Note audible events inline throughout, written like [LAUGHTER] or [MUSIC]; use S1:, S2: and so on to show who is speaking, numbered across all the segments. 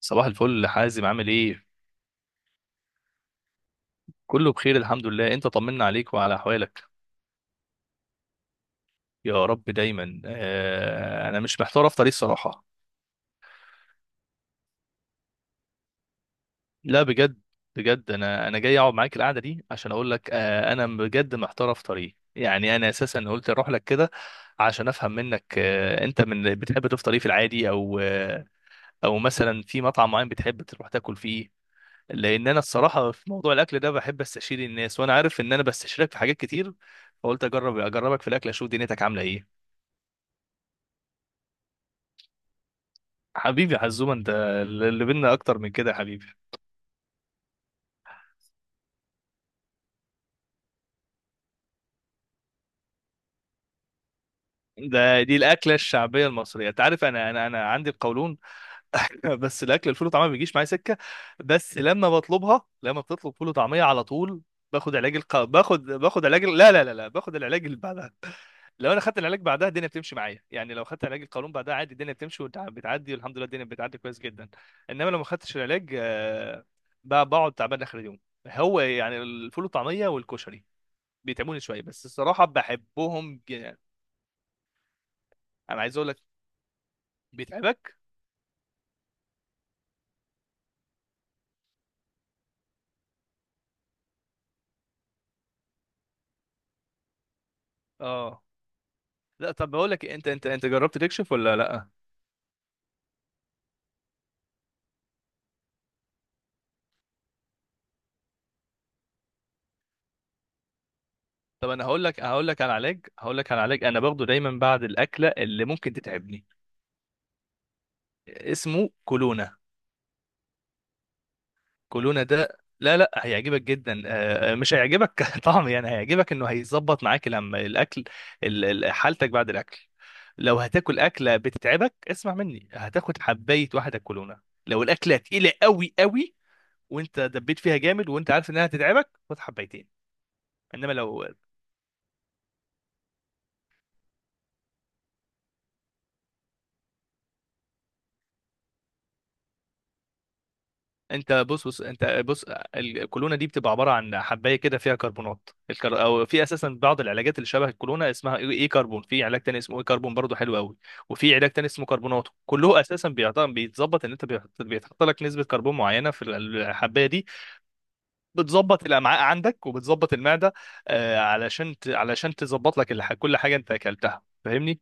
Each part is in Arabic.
S1: صباح الفل حازم، عامل ايه؟ كله بخير، الحمد لله. انت طمنا عليك وعلى احوالك. يا رب دايما. انا مش محتار افطر ايه، الصراحه. لا، بجد. بجد انا جاي اقعد معاك القعده دي عشان اقول لك، انا بجد محتار افطر ايه، يعني انا اساسا قلت اروح لك كده عشان افهم منك، انت من بتحب تفطر ايه في العادي، او او مثلا في مطعم معين بتحب تروح تاكل فيه. لان انا الصراحه في موضوع الاكل ده بحب استشير الناس، وانا عارف ان انا بستشيرك في حاجات كتير، فقلت اجربك في الاكل اشوف دنيتك عامله ايه. حبيبي يا حزومه انت، اللي بينا اكتر من كده يا حبيبي. دي الاكله الشعبيه المصريه، انت عارف انا عندي القولون. [LAUGHS] بس الاكل، الفول وطعميه ما بيجيش معايا سكه، بس لما بتطلب فول وطعميه على طول. باخد علاج لا لا لا لا، باخد العلاج اللي بعدها. لو انا خدت العلاج بعدها الدنيا بتمشي معايا، يعني لو خدت علاج القولون بعدها عادي الدنيا بتمشي وبتعدي، والحمد لله الدنيا بتعدي كويس جدا. انما لو ما خدتش العلاج، بقعد تعبان اخر اليوم. هو يعني الفول والطعميه والكشري بيتعبوني شويه، بس الصراحه بحبهم جدا. انا عايز اقول لك، بيتعبك. اه. لا، طب بقول لك إيه، انت جربت تكشف ولا لا؟ طب انا هقول لك على علاج انا باخده دايما بعد الاكله اللي ممكن تتعبني. اسمه كولونا. كولونا ده، لا لا، هيعجبك جدا. مش هيعجبك [LAUGHS] طعم، يعني هيعجبك انه هيظبط معاك لما الاكل، حالتك بعد الاكل. لو هتاكل اكله بتتعبك اسمع مني، هتاخد حبايه واحده كولونا. لو الاكله تقيله قوي قوي وانت دبيت فيها جامد وانت عارف انها هتتعبك، خد حبايتين. انما لو، انت بص، الكولونه دي بتبقى عباره عن حبايه كده فيها او في اساسا بعض العلاجات اللي شبه الكولونه اسمها اي إي كربون، في علاج تاني اسمه اي كربون برضه حلو قوي. وفي علاج تاني اسمه كربوناتو، كله اساسا بيتظبط ان انت بيتحط لك نسبه كربون معينه في الحبايه دي، بتظبط الامعاء عندك وبتظبط المعده، علشان علشان تظبط لك كل حاجه انت اكلتها، فاهمني؟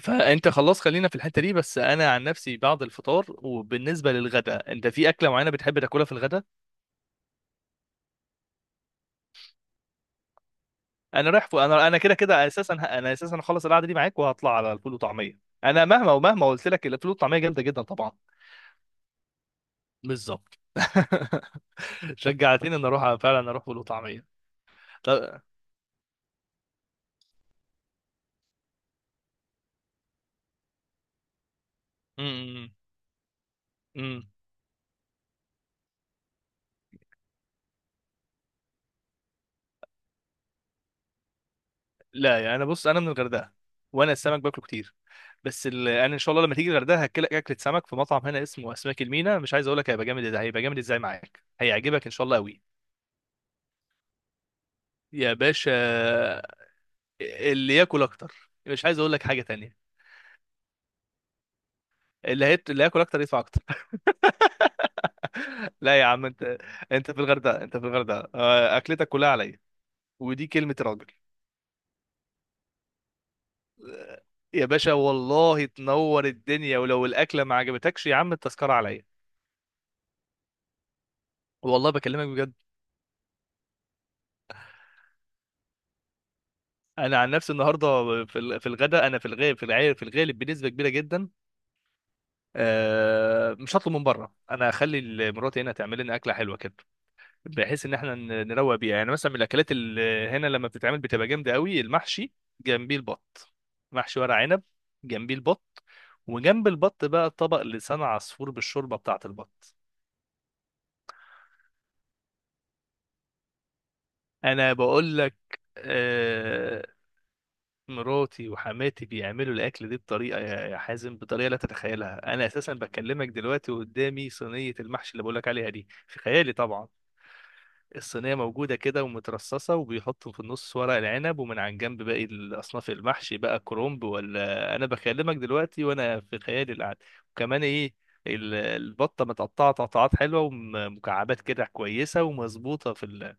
S1: فانت خلاص، خلينا في الحته دي. بس انا عن نفسي بعد الفطار وبالنسبه للغداء، انت في اكله معينه بتحب تاكلها في الغداء؟ انا رايح فوق، انا كده كده اساسا، انا اساسا هخلص القعده دي معاك وهطلع على الفول وطعميه، انا مهما ومهما قلت لك الفول والطعميه جامده جدا طبعا. بالظبط. [LAUGHS] شجعتني ان اروح، فعلا اروح فول وطعميه. طب. امم امم لا، يعني انا، بص انا من الغردقه وانا السمك باكله كتير، بس انا ان شاء الله لما تيجي الغردقه هاكلك اكله سمك في مطعم هنا اسمه اسماك المينا، مش عايز اقول لك هيبقى جامد ازاي، هيبقى جامد ازاي معاك، هيعجبك ان شاء الله قوي. يا باشا، اللي ياكل اكتر مش عايز اقول لك حاجه تانية، اللي هياكل اكتر يدفع اكتر. لا يا عم انت، انت في الغردقه، انت في الغردقه، اكلتك كلها عليا، ودي كلمه راجل. يا باشا والله تنور الدنيا، ولو الاكله ما عجبتكش يا عم التذكره عليا، والله بكلمك بجد. انا عن نفسي النهارده في في الغداء انا في الغالب، في العير في الغالب بنسبه كبيره جدا، مش هطلب من بره، انا هخلي مراتي هنا تعمل لنا اكله حلوه كده بحيث ان احنا نروق بيها. يعني مثلا من الاكلات اللي هنا لما بتتعمل بتبقى جامده قوي، المحشي، جنبيه البط، محشي ورق عنب، جنبيه البط، وجنب البط بقى طبق لسان عصفور بالشوربه بتاعه البط. انا بقول لك، آه، مراتي وحماتي بيعملوا الاكل دي بطريقه، يا حازم بطريقه لا تتخيلها. انا اساسا بكلمك دلوقتي وقدامي صينيه المحشي اللي بقول لك عليها دي، في خيالي طبعا. الصينية موجودة كده ومترصصة، وبيحطوا في النص ورق العنب، ومن عن جنب باقي الأصناف، المحشي بقى كرومب، ولا أنا بكلمك دلوقتي وأنا في خيالي القعد. وكمان إيه، البطة متقطعة تقطعات حلوة ومكعبات كده كويسة ومظبوطة في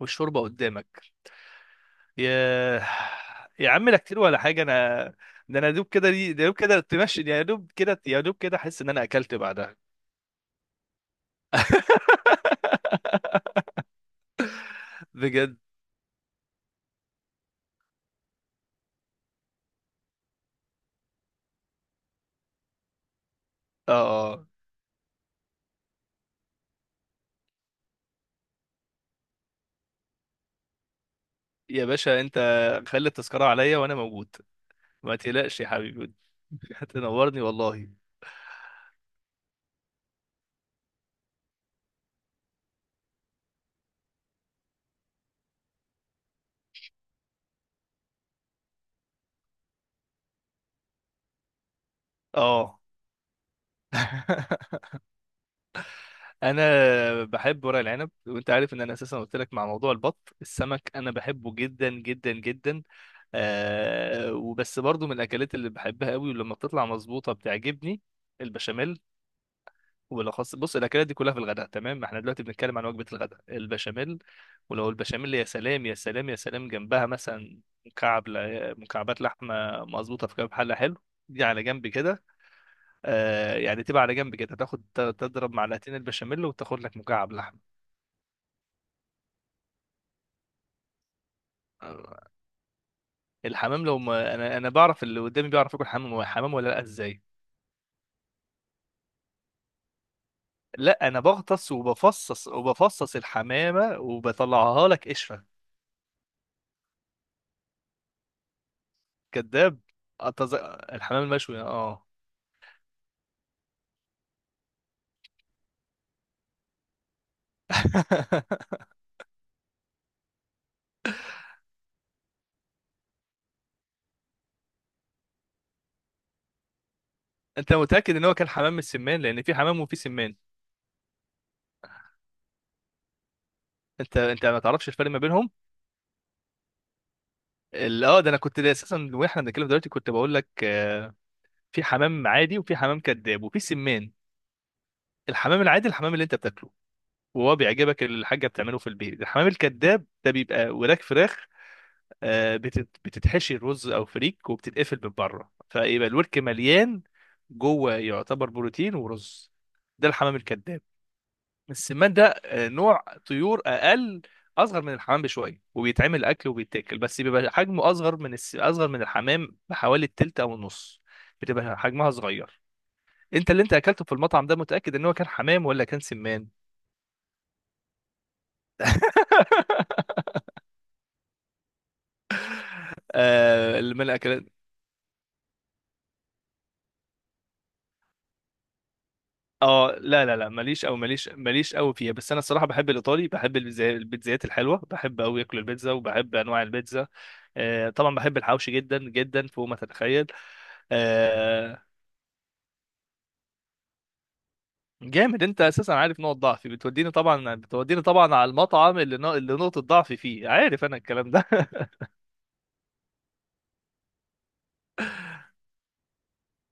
S1: والشوربة قدامك. يا يا عم لا، كتير ولا حاجة أنا، ده أنا يا دوب كده، دي ده يا دوب كده تمشي، يا دوب كده أحس إن أنا أكلت بعدها. بجد. آه آه. يا باشا أنت، خلي التذكرة عليا وأنا موجود، ما تقلقش يا حبيبي. [LAUGHS] هتنورني والله. اه. [LAUGHS] انا بحب ورق العنب، وانت عارف ان انا اساسا قلت لك مع موضوع البط، السمك انا بحبه جدا جدا جدا. وبس برضو من الاكلات اللي بحبها قوي ولما بتطلع مظبوطه بتعجبني، البشاميل. وبالاخص بص، الاكلات دي كلها في الغداء تمام، ما احنا دلوقتي بنتكلم عن وجبه الغداء، البشاميل ولو البشاميل يا سلام يا سلام يا سلام، جنبها مثلا مكعبات لحمه مظبوطه في كام حله حلو، دي على جنب كده. يعني تبقى على جنب كده، تاخد، تضرب معلقتين البشاميل وتاخد لك مكعب لحم. آه، الحمام لو ما انا، بعرف اللي قدامي بيعرف ياكل حمام حمام ولا لا ازاي. لا انا بغطس وبفصص، الحمامه وبطلعها لك قشره. كذاب. أتز... الحمام المشوي، اه. [LAUGHS] انت متاكد ان هو كان حمام من السمان؟ لان في حمام وفي سمان، انت ما تعرفش الفرق ما بينهم؟ ده انا كنت، ده اساسا واحنا بنتكلم دلوقتي كنت بقول لك، في حمام عادي وفي حمام كذاب وفي سمان. الحمام العادي، الحمام اللي انت بتاكله وهو بيعجبك، اللي الحاجه بتعمله في البيت. الحمام الكذاب ده بيبقى وراك فراخ، بتتحشي رز او فريك وبتتقفل من بره، فيبقى الورك مليان جوه، يعتبر بروتين ورز. ده الحمام الكذاب. السمان ده، نوع طيور اقل، اصغر من الحمام بشويه وبيتعمل اكل وبيتاكل، بس بيبقى حجمه اصغر اصغر من الحمام بحوالي التلت او النص، بتبقى حجمها صغير. انت اللي انت اكلته في المطعم ده متاكد ان هو كان حمام ولا كان سمان؟ [LAUGHS] من الاكلات. اه لا لا لا ماليش، او ماليش ماليش قوي فيها، بس انا الصراحه بحب الايطالي، بحب البيتزايات الحلوه، بحب قوي اكل البيتزا وبحب انواع البيتزا. طبعا بحب الحوشي جدا جدا فوق ما تتخيل. آه جامد، انت اساسا عارف نقط ضعفي بتوديني طبعا، بتوديني طبعا على المطعم اللي اللي نقطه ضعفي فيه، عارف انا الكلام ده. [LAUGHS]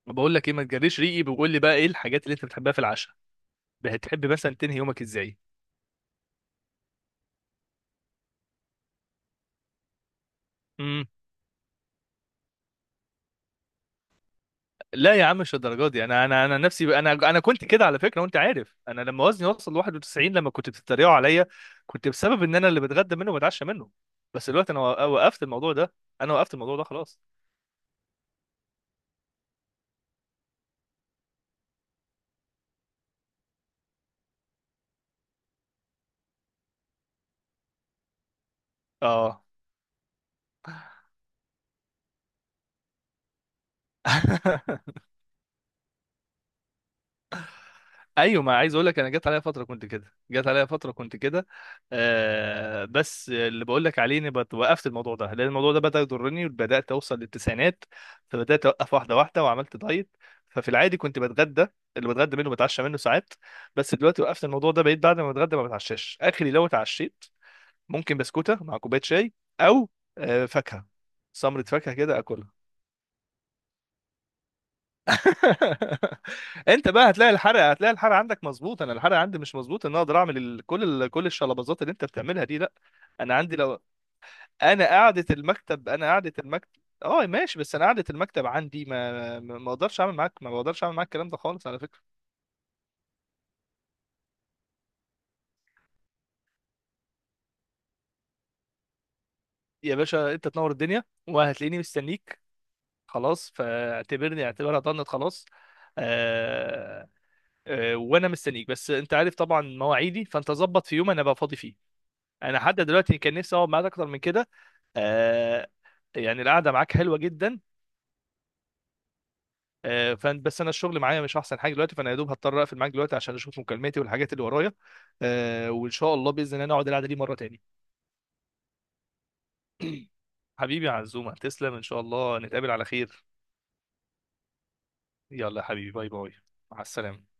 S1: بقول لك ايه ما تجريش ريقي، بقول لي بقى ايه الحاجات اللي انت بتحبها في العشاء، بتحب مثلا تنهي يومك ازاي. لا يا عم مش الدرجه دي، انا نفسي، انا كنت كده على فكره. وانت عارف انا لما وزني وصل 91 لما كنت بتتريقوا عليا، كنت بسبب ان انا اللي بتغدى منه وبتعشى منه. بس دلوقتي انا وقفت الموضوع ده، خلاص. اه. [LAUGHS] ايوه، ما عايز اقول لك، انا جت عليا فتره كنت كده، بس اللي بقول لك عليه اني وقفت الموضوع ده، لان الموضوع ده بدا يضرني وبدات اوصل للتسعينات، فبدات اوقف واحده واحده وعملت دايت. ففي العادي كنت بتغدى، اللي بتغدى منه بتعشى منه ساعات. بس دلوقتي وقفت الموضوع ده، بقيت بعد ما بتغدى ما بتعشاش، اخري لو اتعشيت ممكن بسكوته مع كوبايه شاي، او فاكهه، سمره فاكهه كده اكلها. [LAUGHS] انت بقى هتلاقي الحرق، عندك مظبوط، انا الحرق عندي مش مظبوط ان أنا اقدر اعمل كل الشلبازات اللي انت بتعملها دي، لا. انا عندي لو، انا قعدة المكتب، اه، ماشي، بس انا قعدة المكتب عندي، ما ما ما اقدرش اعمل معاك ما بقدرش اعمل معاك الكلام ده خالص على فكرة. يا باشا انت تنور الدنيا، وهتلاقيني مستنيك. خلاص، اعتبرها ضنت خلاص. آه... وانا مستنيك بس انت عارف طبعا مواعيدي، فانت ظبط في يوم انا بقى فاضي فيه. انا حتى دلوقتي كان نفسي اقعد معاك اكتر من كده. آه يعني القعده معاك حلوه جدا. فان بس انا الشغل معايا مش احسن حاجه دلوقتي، فانا يا دوب هضطر اقفل معاك دلوقتي عشان اشوف مكالماتي والحاجات اللي ورايا. وان شاء الله باذن الله نقعد القعده دي مره تاني. حبيبي يا عزومه، تسلم، ان شاء الله نتقابل على خير. يلا يا حبيبي باي باي. مع السلامه.